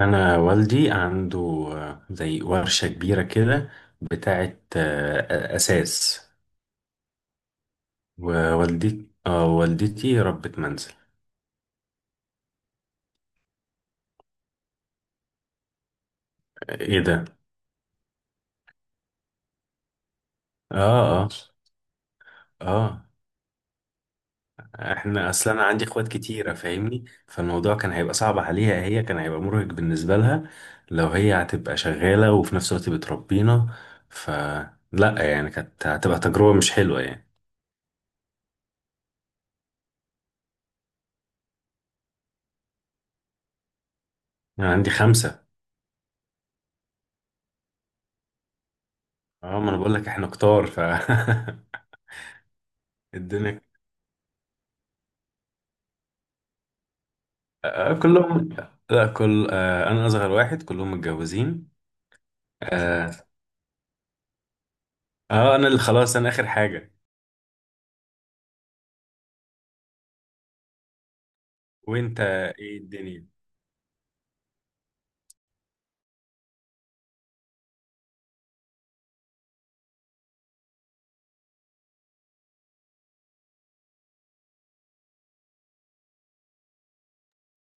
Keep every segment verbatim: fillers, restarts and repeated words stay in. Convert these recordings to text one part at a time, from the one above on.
انا والدي عنده، آه، زي ورشة كبيرة كده، بتاعة آه، اساس. ووالدتي اه والدتي ربة منزل. ايه ده؟ اه، اه، اه. احنا اصلا انا عندي اخوات كتيرة، فاهمني، فالموضوع كان هيبقى صعب عليها، هي كان هيبقى مرهق بالنسبة لها لو هي هتبقى شغالة وفي نفس الوقت بتربينا، فلا يعني كانت هتبقى تجربة مش حلوة يعني. انا عندي خمسة. اه ما انا بقول لك احنا كتار ف الدنيا. آه، كلهم، لا، كل آه، انا اصغر واحد، كلهم متجوزين. اه. آه، انا اللي خلاص، انا اخر حاجه. وانت، ايه الدنيا؟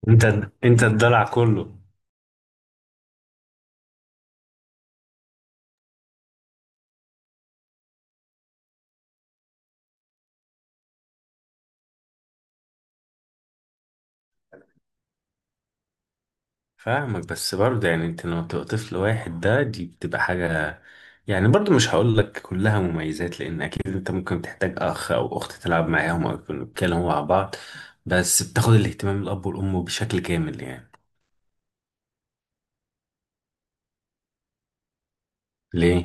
انت انت الضلع كله. فاهمك، بس برضه يعني انت لما بتبقى طفل واحد ده دي بتبقى حاجه، يعني برضه مش هقول لك كلها مميزات لان اكيد انت ممكن تحتاج اخ او اخت تلعب معاهم او يكونوا بيتكلموا مع بعض، بس بتاخد الاهتمام، الاب والام بشكل كامل يعني. ليه؟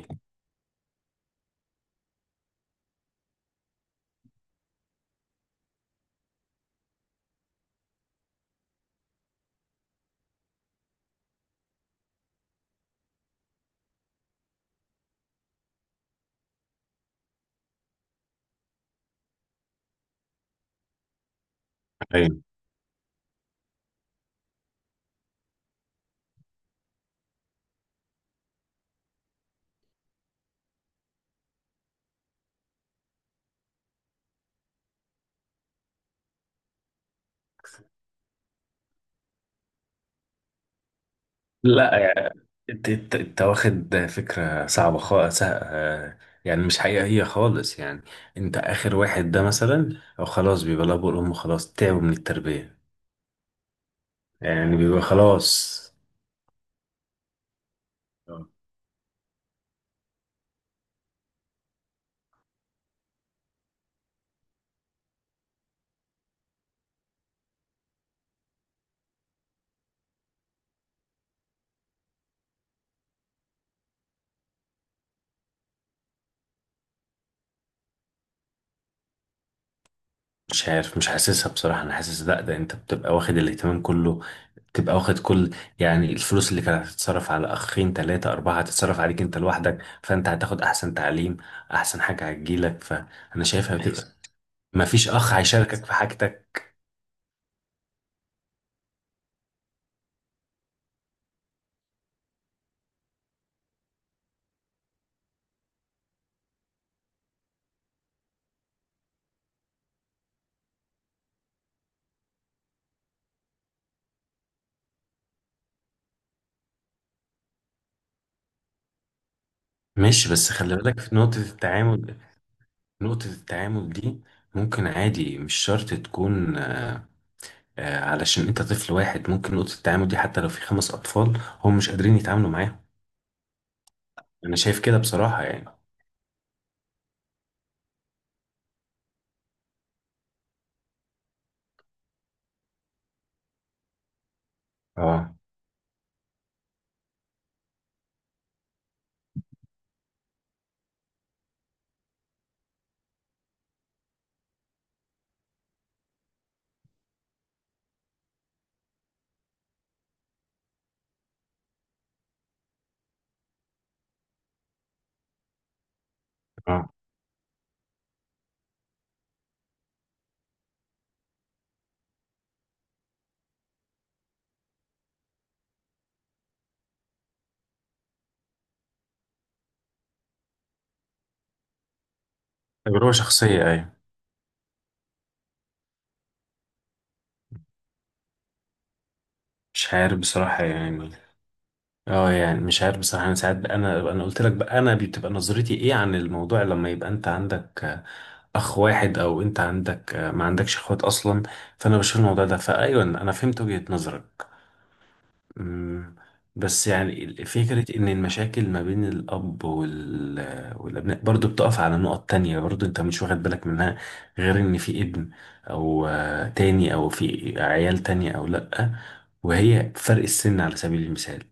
أيوة. لا، انت انت انت واخد فكرة صعبة خالص، يعني مش حقيقية خالص يعني. انت اخر واحد ده مثلا او خلاص بيبقى الاب والام خلاص تعبوا من التربية، يعني بيبقى خلاص. اه. مش عارف، مش حاسسها بصراحة، انا حاسس لا، ده انت بتبقى واخد الاهتمام كله، بتبقى واخد كل، يعني الفلوس اللي كانت هتتصرف على اخين تلاتة اربعة هتتصرف عليك انت لوحدك، فانت هتاخد احسن تعليم، احسن حاجة هتجيلك، فانا شايفها بتبقى، مفيش اخ هيشاركك في حاجتك. ماشي، بس خلي بالك في نقطة التعامل، نقطة التعامل دي ممكن عادي مش شرط تكون، آه، آه، علشان انت طفل واحد ممكن نقطة التعامل دي حتى لو في خمس أطفال هم مش قادرين يتعاملوا معاها. أنا شايف كده بصراحة يعني. اه، اه. تجربة شخصية، أيوة. مش عارف بصراحة يعني. اه يعني مش عارف بصراحة، أنا ساعات بقى، أنا أنا قلت لك بقى أنا بتبقى نظرتي إيه عن الموضوع لما يبقى أنت عندك آه، أخ واحد أو أنت عندك آه، ما عندكش إخوات أصلا، فأنا بشوف الموضوع ده، فأيوة أنا فهمت وجهة نظرك. مم. بس يعني ال- فكرة إن المشاكل ما بين الأب وال... والأبناء برضو بتقف على نقط تانية برضو أنت مش واخد بالك منها، غير إن في ابن أو آه، تاني أو في عيال تانية أو لأ، وهي فرق السن على سبيل المثال،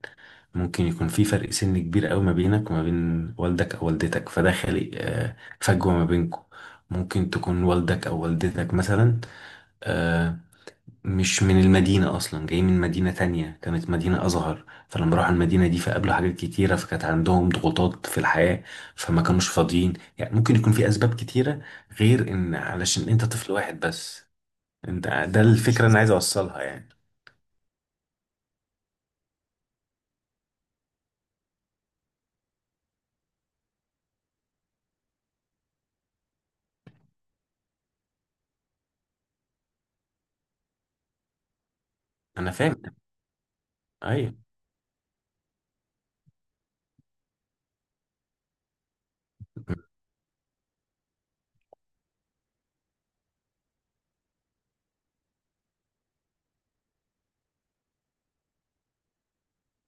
ممكن يكون في فرق سن كبير أوي ما بينك وما بين والدك أو والدتك، فده خالق آه، فجوة ما بينكم. ممكن تكون والدك أو والدتك مثلا آه، مش من المدينة أصلا، جاي من مدينة تانية كانت مدينة أصغر، فلما راحوا المدينة دي فقابلوا حاجات كتيرة، فكانت عندهم ضغوطات في الحياة، فما كانوش فاضيين، يعني ممكن يكون في أسباب كتيرة غير إن علشان أنت طفل واحد بس. أنت ده الفكرة اللي أنا عايز أوصلها يعني. أنا فاهم، أيوة،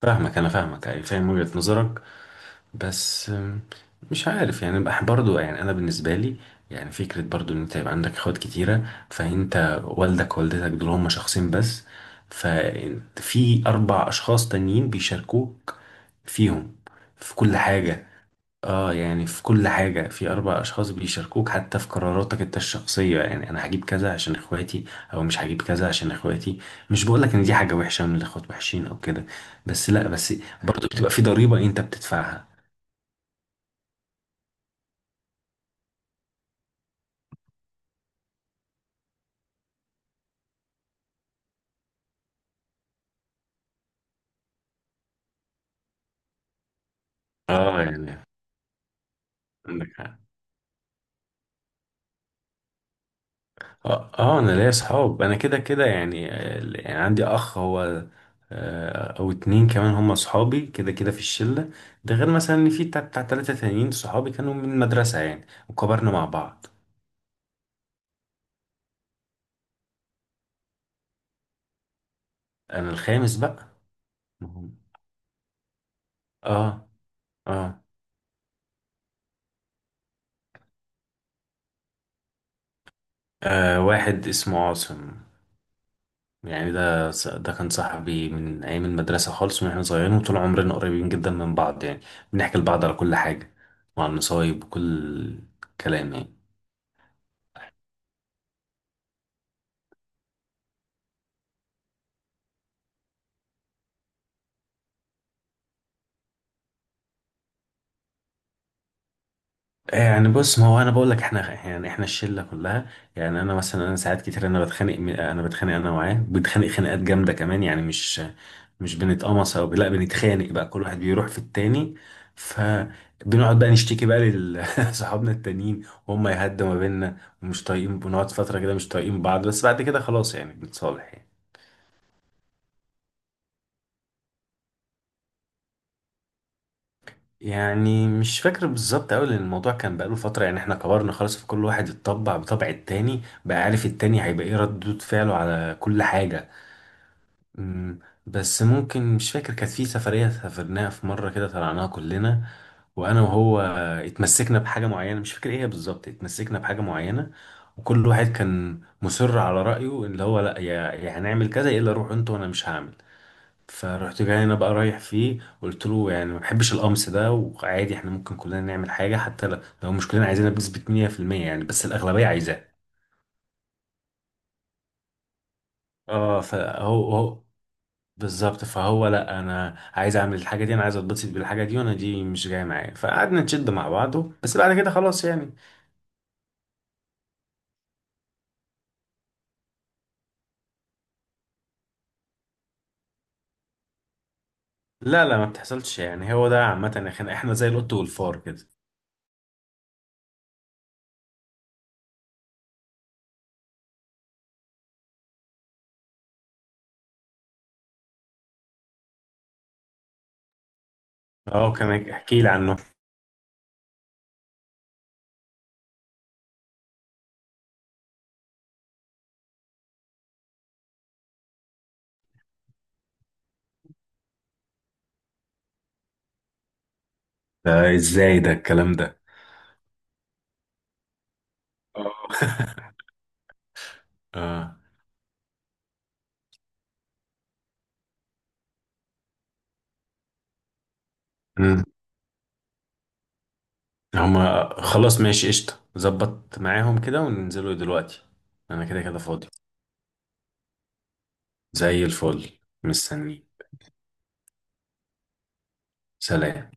فاهمك أنا فاهمك أيوة، فاهم وجهة نظرك. بس أم، مش عارف يعني، بح برضو يعني انا بالنسبه لي، يعني فكره برضو ان انت يبقى عندك اخوات كتيره، فانت والدك ووالدتك دول هما شخصين بس، ففي اربع اشخاص تانيين بيشاركوك فيهم في كل حاجه. اه يعني في كل حاجه، في اربع اشخاص بيشاركوك حتى في قراراتك انت الشخصيه، يعني انا هجيب كذا عشان اخواتي او مش هجيب كذا عشان اخواتي، مش بقولك ان دي حاجه وحشه ان الاخوات وحشين او كده، بس لا بس برضو بتبقى في ضريبه انت بتدفعها. اه يعني، عندك حق. اه، آه، انا ليا اصحاب، انا كده كده يعني، آه، يعني عندي اخ هو آه، او اتنين كمان هم اصحابي كده كده في الشله، ده غير مثلا ان في بتاع بتاع تلاته تانيين صحابي كانوا من المدرسه يعني وكبرنا مع بعض. انا الخامس بقى. مهم. اه. اه، آه، واحد اسمه عاصم، يعني ده ص- ده كان صاحبي من ايام المدرسه خالص، من احنا صغيرين وطول عمرنا قريبين جدا من بعض يعني، بنحكي لبعض على كل حاجه وعن المصايب وكل كلام يعني. يعني بص، ما هو انا بقول لك، احنا يعني احنا الشله كلها، يعني انا مثلا انا ساعات كتير، انا بتخانق م- انا بتخانق انا معاه، بنتخانق خناقات جامده كمان، يعني مش مش بنتقمص او لا، بنتخانق بقى كل واحد بيروح في التاني، فبنقعد بقى نشتكي بقى لصحابنا التانيين وهم يهدوا ما بيننا، ومش طايقين، بنقعد فتره كده مش طايقين بعض، بس بعد كده خلاص يعني بنتصالح يعني. يعني مش فاكر بالظبط أوي لأن الموضوع كان بقاله فترة، يعني احنا كبرنا خلاص، فكل واحد اتطبع بطبع التاني بقى عارف التاني هيبقى ايه ردود فعله على كل حاجة. أمم، بس ممكن، مش فاكر، كانت في سفرية سافرناها في مرة كده طلعناها كلنا، وأنا وهو اتمسكنا بحاجة معينة مش فاكر ايه هي بالظبط، اتمسكنا بحاجة معينة، وكل واحد كان مصر على رأيه، اللي هو لأ يا يا هنعمل كذا، يا إلا روح انت وأنا مش هعمل، فرحت جاي انا بقى رايح فيه قلت له يعني ما بحبش القمص ده، وعادي احنا ممكن كلنا نعمل حاجه حتى لو لو مش كلنا عايزينها بنسبه مية في المية، يعني بس الاغلبيه عايزاه. اه، فهو هو بالظبط، فهو لا انا عايز اعمل الحاجه دي، انا عايز اتبسط بالحاجه دي، وانا دي مش جايه معايا، فقعدنا نشد مع بعضه، بس بعد كده خلاص يعني. لا لا، ما بتحصلش يعني، هو ده عامه يا اخي، احنا زي القط والفار كده. اه، كان احكي لي عنه. ده ازاي ده الكلام ده؟ اه اه. هما خلاص ماشي، قشطة ظبط معاهم كده وننزلوا دلوقتي. أنا كده كده فاضي، زي الفل مستني. سلام.